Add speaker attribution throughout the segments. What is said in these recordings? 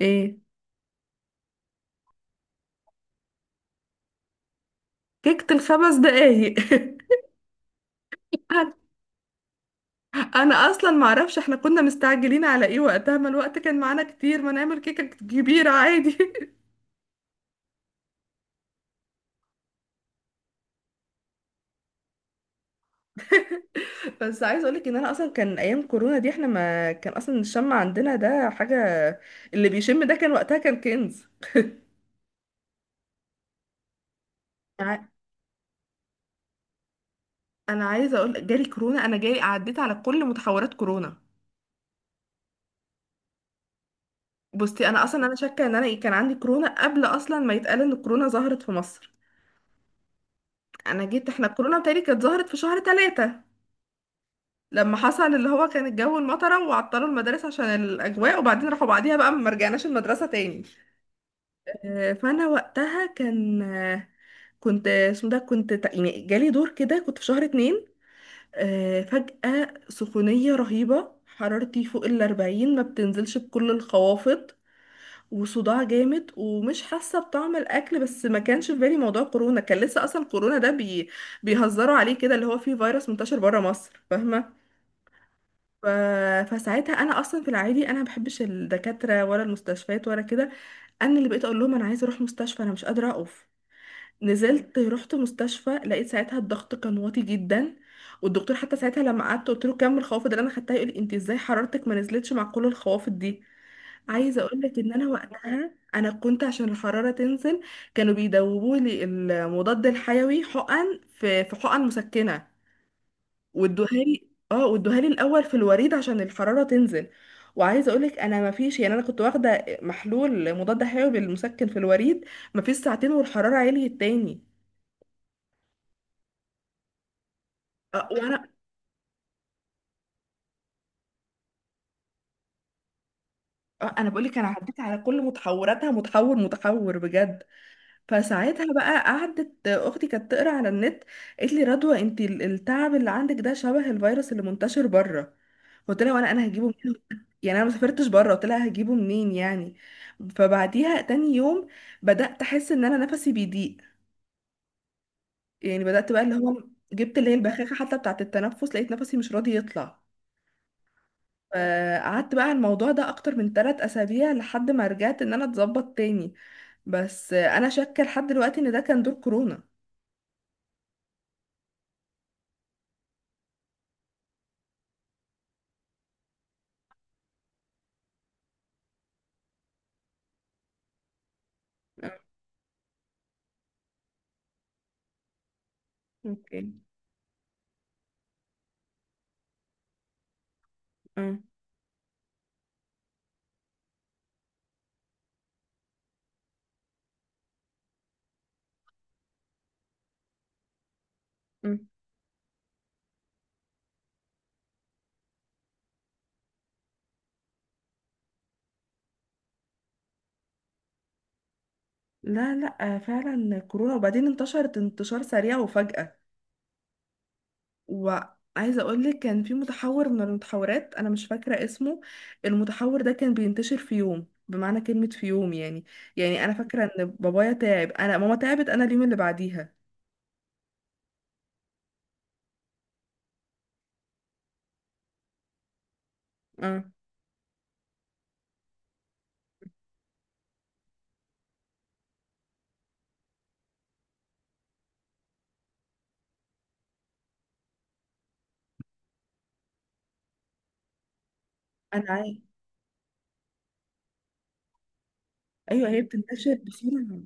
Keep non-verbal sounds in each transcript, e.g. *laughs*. Speaker 1: ايه. كيكة الخمس دقايق *laughs* انا أنا اصلا معرفش احنا كنا مستعجلين على ايه وقتها، ما الوقت كان معانا كتير ما نعمل كيكة كبيرة عادي *laughs* بس عايز اقولك ان انا اصلا كان ايام كورونا دي احنا ما كان اصلا الشم عندنا ده حاجة، اللي بيشم ده كان وقتها كان كنز. ع- انا عايزه اقول جالي كورونا، انا جالي عديت على كل متحورات كورونا. بصي، انا اصلا انا شاكه ان انا كان عندي كورونا قبل اصلا ما يتقال ان الكورونا ظهرت في مصر. انا جيت احنا الكورونا بتاعتي كانت ظهرت في شهر 3 لما حصل اللي هو كان الجو المطره وعطلوا المدارس عشان الاجواء، وبعدين راحوا بعديها بقى ما رجعناش المدرسه تاني. فانا وقتها كان كنت اسمه ده كنت يعني جالي دور كده كنت في شهر 2. فجأة سخونية رهيبة، حرارتي فوق الأربعين ما بتنزلش بكل الخوافض، وصداع جامد، ومش حاسة بطعم الأكل. بس ما كانش في بالي موضوع كورونا، كان لسه أصلا كورونا ده بيهزروا عليه كده، اللي هو فيه فيروس منتشر بره مصر، فاهمة؟ ف... فساعتها انا اصلا في العادي انا ما بحبش الدكاتره ولا المستشفيات ولا كده. انا اللي بقيت اقول لهم انا عايزه اروح مستشفى، انا مش قادره اقف. نزلت رحت مستشفى، لقيت ساعتها الضغط كان واطي جدا. والدكتور حتى ساعتها لما قعدت قلت له كم الخوافض اللي انا خدتها، يقول لي انت ازاي حرارتك ما نزلتش مع كل الخوافض دي. عايزه اقول لك ان انا وقتها انا كنت عشان الحراره تنزل كانوا بيدوبوا لي المضاد الحيوي حقن في حقن مسكنه وادوهالي الاول في الوريد عشان الحراره تنزل. وعايزه اقولك انا ما فيش يعني، انا كنت واخده محلول مضاد حيوي بالمسكن في الوريد، ما فيش ساعتين والحراره عليت تاني. وانا انا بقولك انا عديت على كل متحوراتها متحور متحور بجد. فساعتها بقى قعدت اختي كانت تقرا على النت، قالت لي رضوى، انت التعب اللي عندك ده شبه الفيروس اللي منتشر بره. قلت لها وانا هجيبه منين *laughs* يعني انا ما سافرتش بره، قلت لها هجيبه منين يعني. فبعديها تاني يوم بدات احس ان انا نفسي بيضيق، يعني بدات بقى اللي هو جبت اللي هي البخاخه حتى بتاعه التنفس، لقيت نفسي مش راضي يطلع. فقعدت بقى على الموضوع ده اكتر من 3 اسابيع لحد ما رجعت ان انا اتظبط تاني. بس انا شاكه لحد دلوقتي ان ده كان دور كورونا. اوكي. مم. مم. لا لا، فعلا كورونا. وبعدين انتشرت انتشار سريع وفجأة. وعايزة اقول لك كان في متحور من المتحورات انا مش فاكرة اسمه، المتحور ده كان بينتشر في يوم، بمعنى كلمة في يوم يعني. يعني انا فاكرة ان بابايا تعب، انا ماما تعبت، انا اليوم اللي بعديها. مم. انا عاي... ايوه، هي بتنتشر بسرعة.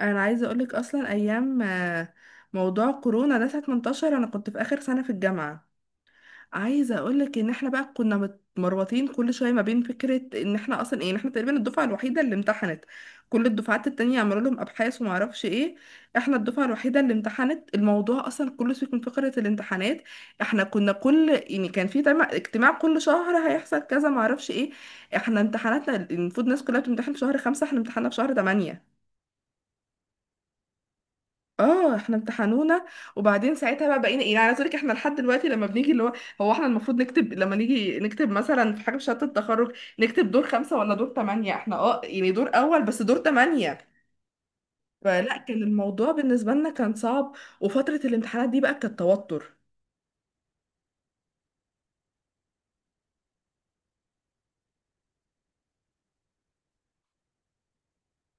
Speaker 1: انا عايزة اقول لك اصلا ايام موضوع كورونا ده ساعة ما انتشر انا كنت في اخر سنة في الجامعة. عايزه اقول لك ان احنا بقى كنا متمربطين كل شويه ما بين فكره ان احنا اصلا إن احنا تقريبا الدفعه الوحيده اللي امتحنت. كل الدفعات التانية عملوا لهم ابحاث وما اعرفش ايه، احنا الدفعه الوحيده اللي امتحنت. الموضوع اصلا كله سيبك من فكره الامتحانات، احنا كنا كل يعني كان في اجتماع كل شهر هيحصل كذا ما اعرفش ايه. احنا امتحاناتنا المفروض الناس كلها بتمتحن في شهر 5، احنا امتحاننا في شهر 8. اه، احنا امتحنونا. وبعدين ساعتها بقى بقينا يعني عايز اقول لك احنا لحد دلوقتي لما بنيجي اللي هو، هو احنا المفروض نكتب لما نيجي نكتب مثلا في حاجه في شهاده التخرج نكتب دور خمسه ولا دور ثمانيه، احنا يعني دور اول بس دور ثمانيه. فلا كان الموضوع بالنسبه لنا كان صعب، وفتره الامتحانات دي بقى كانت توتر.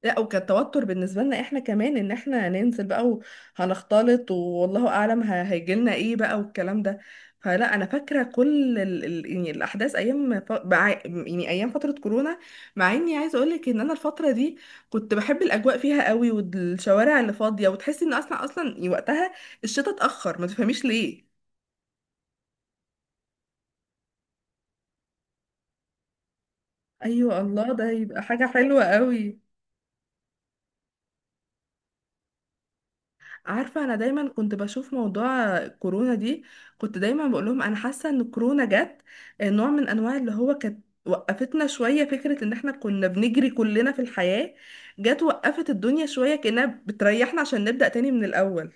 Speaker 1: لا وكان توتر بالنسبه لنا احنا كمان ان احنا ننزل بقى وهنختلط، والله اعلم هيجي لنا ايه بقى والكلام ده. فلا انا فاكره كل يعني الاحداث ايام يعني ايام فتره كورونا. مع اني عايزه اقول لك ان انا الفتره دي كنت بحب الاجواء فيها قوي، والشوارع اللي فاضيه، وتحسي ان اصلا اصلا يعني وقتها الشتاء اتاخر ما تفهميش ليه. ايوه، الله، ده هيبقى حاجه حلوه قوي. عارفة، أنا دايما كنت بشوف موضوع كورونا دي، كنت دايما بقولهم أنا حاسة إن كورونا جت نوع من أنواع اللي هو كانت وقفتنا شوية. فكرة إن إحنا كنا بنجري كلنا في الحياة، جت وقفت الدنيا شوية كأنها بتريحنا عشان نبدأ تاني من الأول.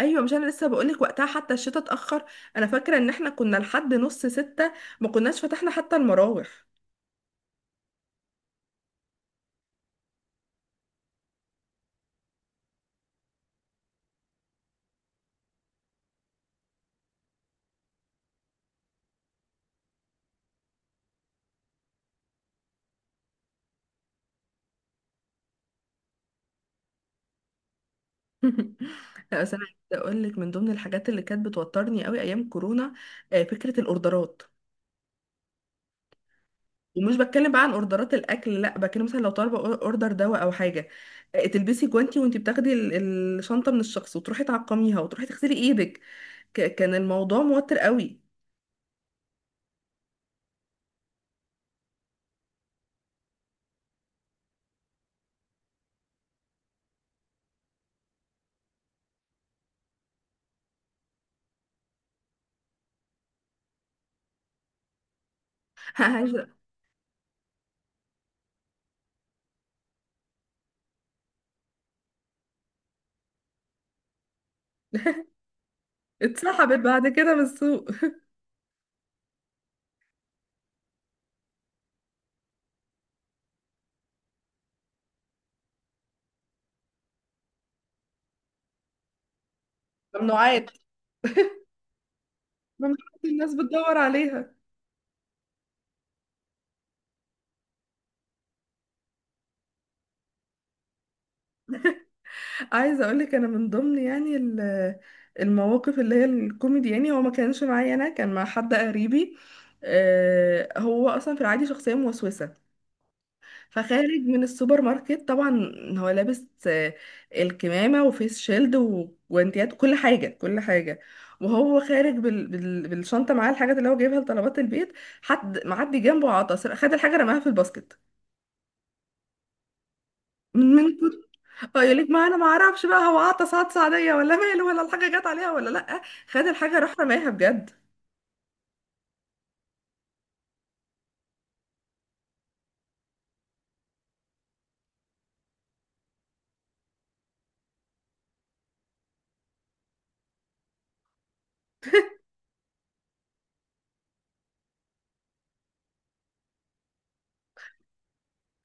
Speaker 1: أيوة، مش أنا لسه بقولك وقتها حتى الشتاء اتأخر، أنا فاكرة إن إحنا كنا لحد نص ستة ما كناش فتحنا حتى المراوح. *laughs* لا بس أنا عايزة أقولك من ضمن الحاجات اللي كانت بتوترني قوي أيام كورونا فكرة الأوردرات، ومش بتكلم بقى عن اوردرات الاكل، لا بتكلم مثلا لو طالبه اوردر دواء او حاجه. تلبسي جوانتي وانتي بتاخدي الشنطه من الشخص، وتروحي تعقميها، وتروحي تغسلي ايدك. كان الموضوع موتر قوي. *laughs* عايزة- اتسحبت بعد كده من السوق *laughs* ممنوعات. ممنوعات الناس بتدور عليها. عايزه اقول لك انا من ضمن يعني المواقف اللي هي الكوميدي، يعني هو ما كانش معايا، انا كان مع حد قريبي. هو اصلا في العادي شخصيه موسوسه، فخارج من السوبر ماركت طبعا هو لابس الكمامة وفيس شيلد وجوانتيات كل حاجة كل حاجة. وهو خارج بالشنطة معاه الحاجات اللي هو جايبها لطلبات البيت، حد معدي جنبه عطس، خد الحاجة رماها في الباسكت. من من كت- اه، يقول لك ما انا ما اعرفش بقى هو عطس عطس عادية ولا ماله، ولا الحاجة جت عليها ولا لا. خد الحاجة راح رماها بجد.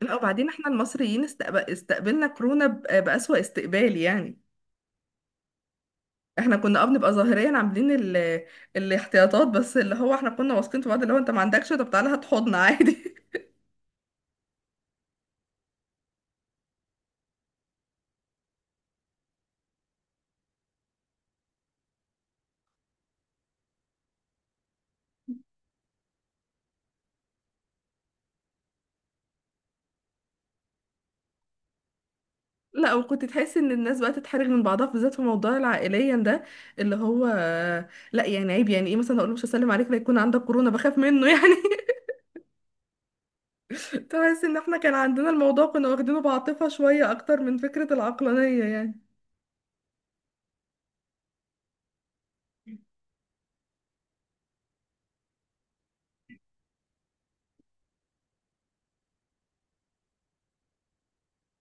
Speaker 1: لا وبعدين احنا المصريين استقبلنا كورونا بأسوأ استقبال يعني. احنا كنا بنبقى ظاهريا عاملين الاحتياطات، بس اللي هو احنا كنا واثقين في بعض، اللي هو انت ما عندكش طب تعالى هات حضن عادي. *laughs* لا، وكنت تحسي ان الناس بقى تتحرج من بعضها بالذات في موضوع العائليا ده، اللي هو لا يعني عيب يعني ايه مثلا اقول له مش هسلم عليك لا يكون عندك كورونا بخاف منه يعني. *laughs* تحس ان احنا كان عندنا الموضوع كنا واخدينه بعاطفة شوية اكتر من فكرة العقلانية يعني.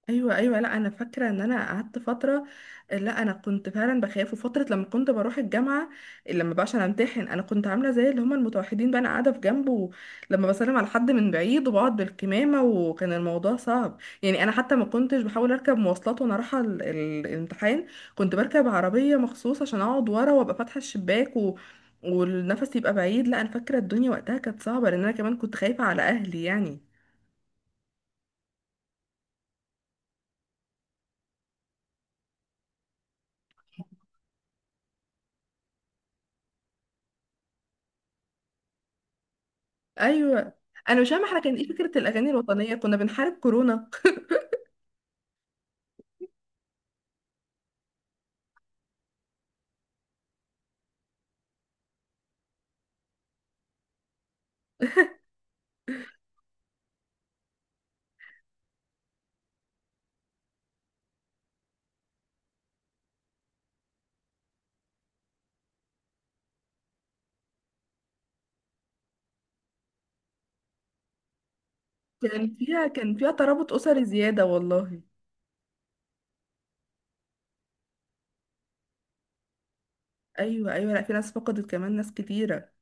Speaker 1: ايوه ايوه، لا انا فاكره ان انا قعدت فتره، لا انا كنت فعلا بخاف، وفتره لما كنت بروح الجامعه لما بقى عشان امتحن انا كنت عامله زي اللي هم المتوحدين بقى انا قاعده في جنبه، لما بسلم على حد من بعيد وبقعد بالكمامه، وكان الموضوع صعب. يعني انا حتى ما كنتش بحاول اركب مواصلات وانا رايحه الامتحان، كنت بركب عربيه مخصوص عشان اقعد ورا وابقى فاتحه الشباك والنفس يبقى بعيد. لا انا فاكره الدنيا وقتها كانت صعبه لان انا كمان كنت خايفه على اهلي يعني. ايوه. انا مش فاهمه احنا كان ايه فكره الاغاني الوطنيه كنا بنحارب كورونا؟ كان فيها ترابط اسري زياده والله. ايوه ايوه، لا في ناس فقدت كمان، ناس كتيره.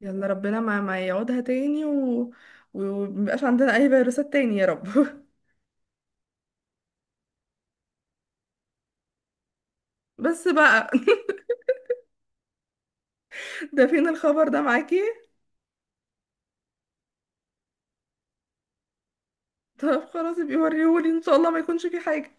Speaker 1: يلا، ربنا ما يعودها تاني ومبقاش عندنا اي فيروسات تاني يا رب *laughs* بس بقى. *laughs* ده فين الخبر ده معاكي؟ طب خلاص يبقى وريهولي ان شاء الله ما يكونش في حاجه.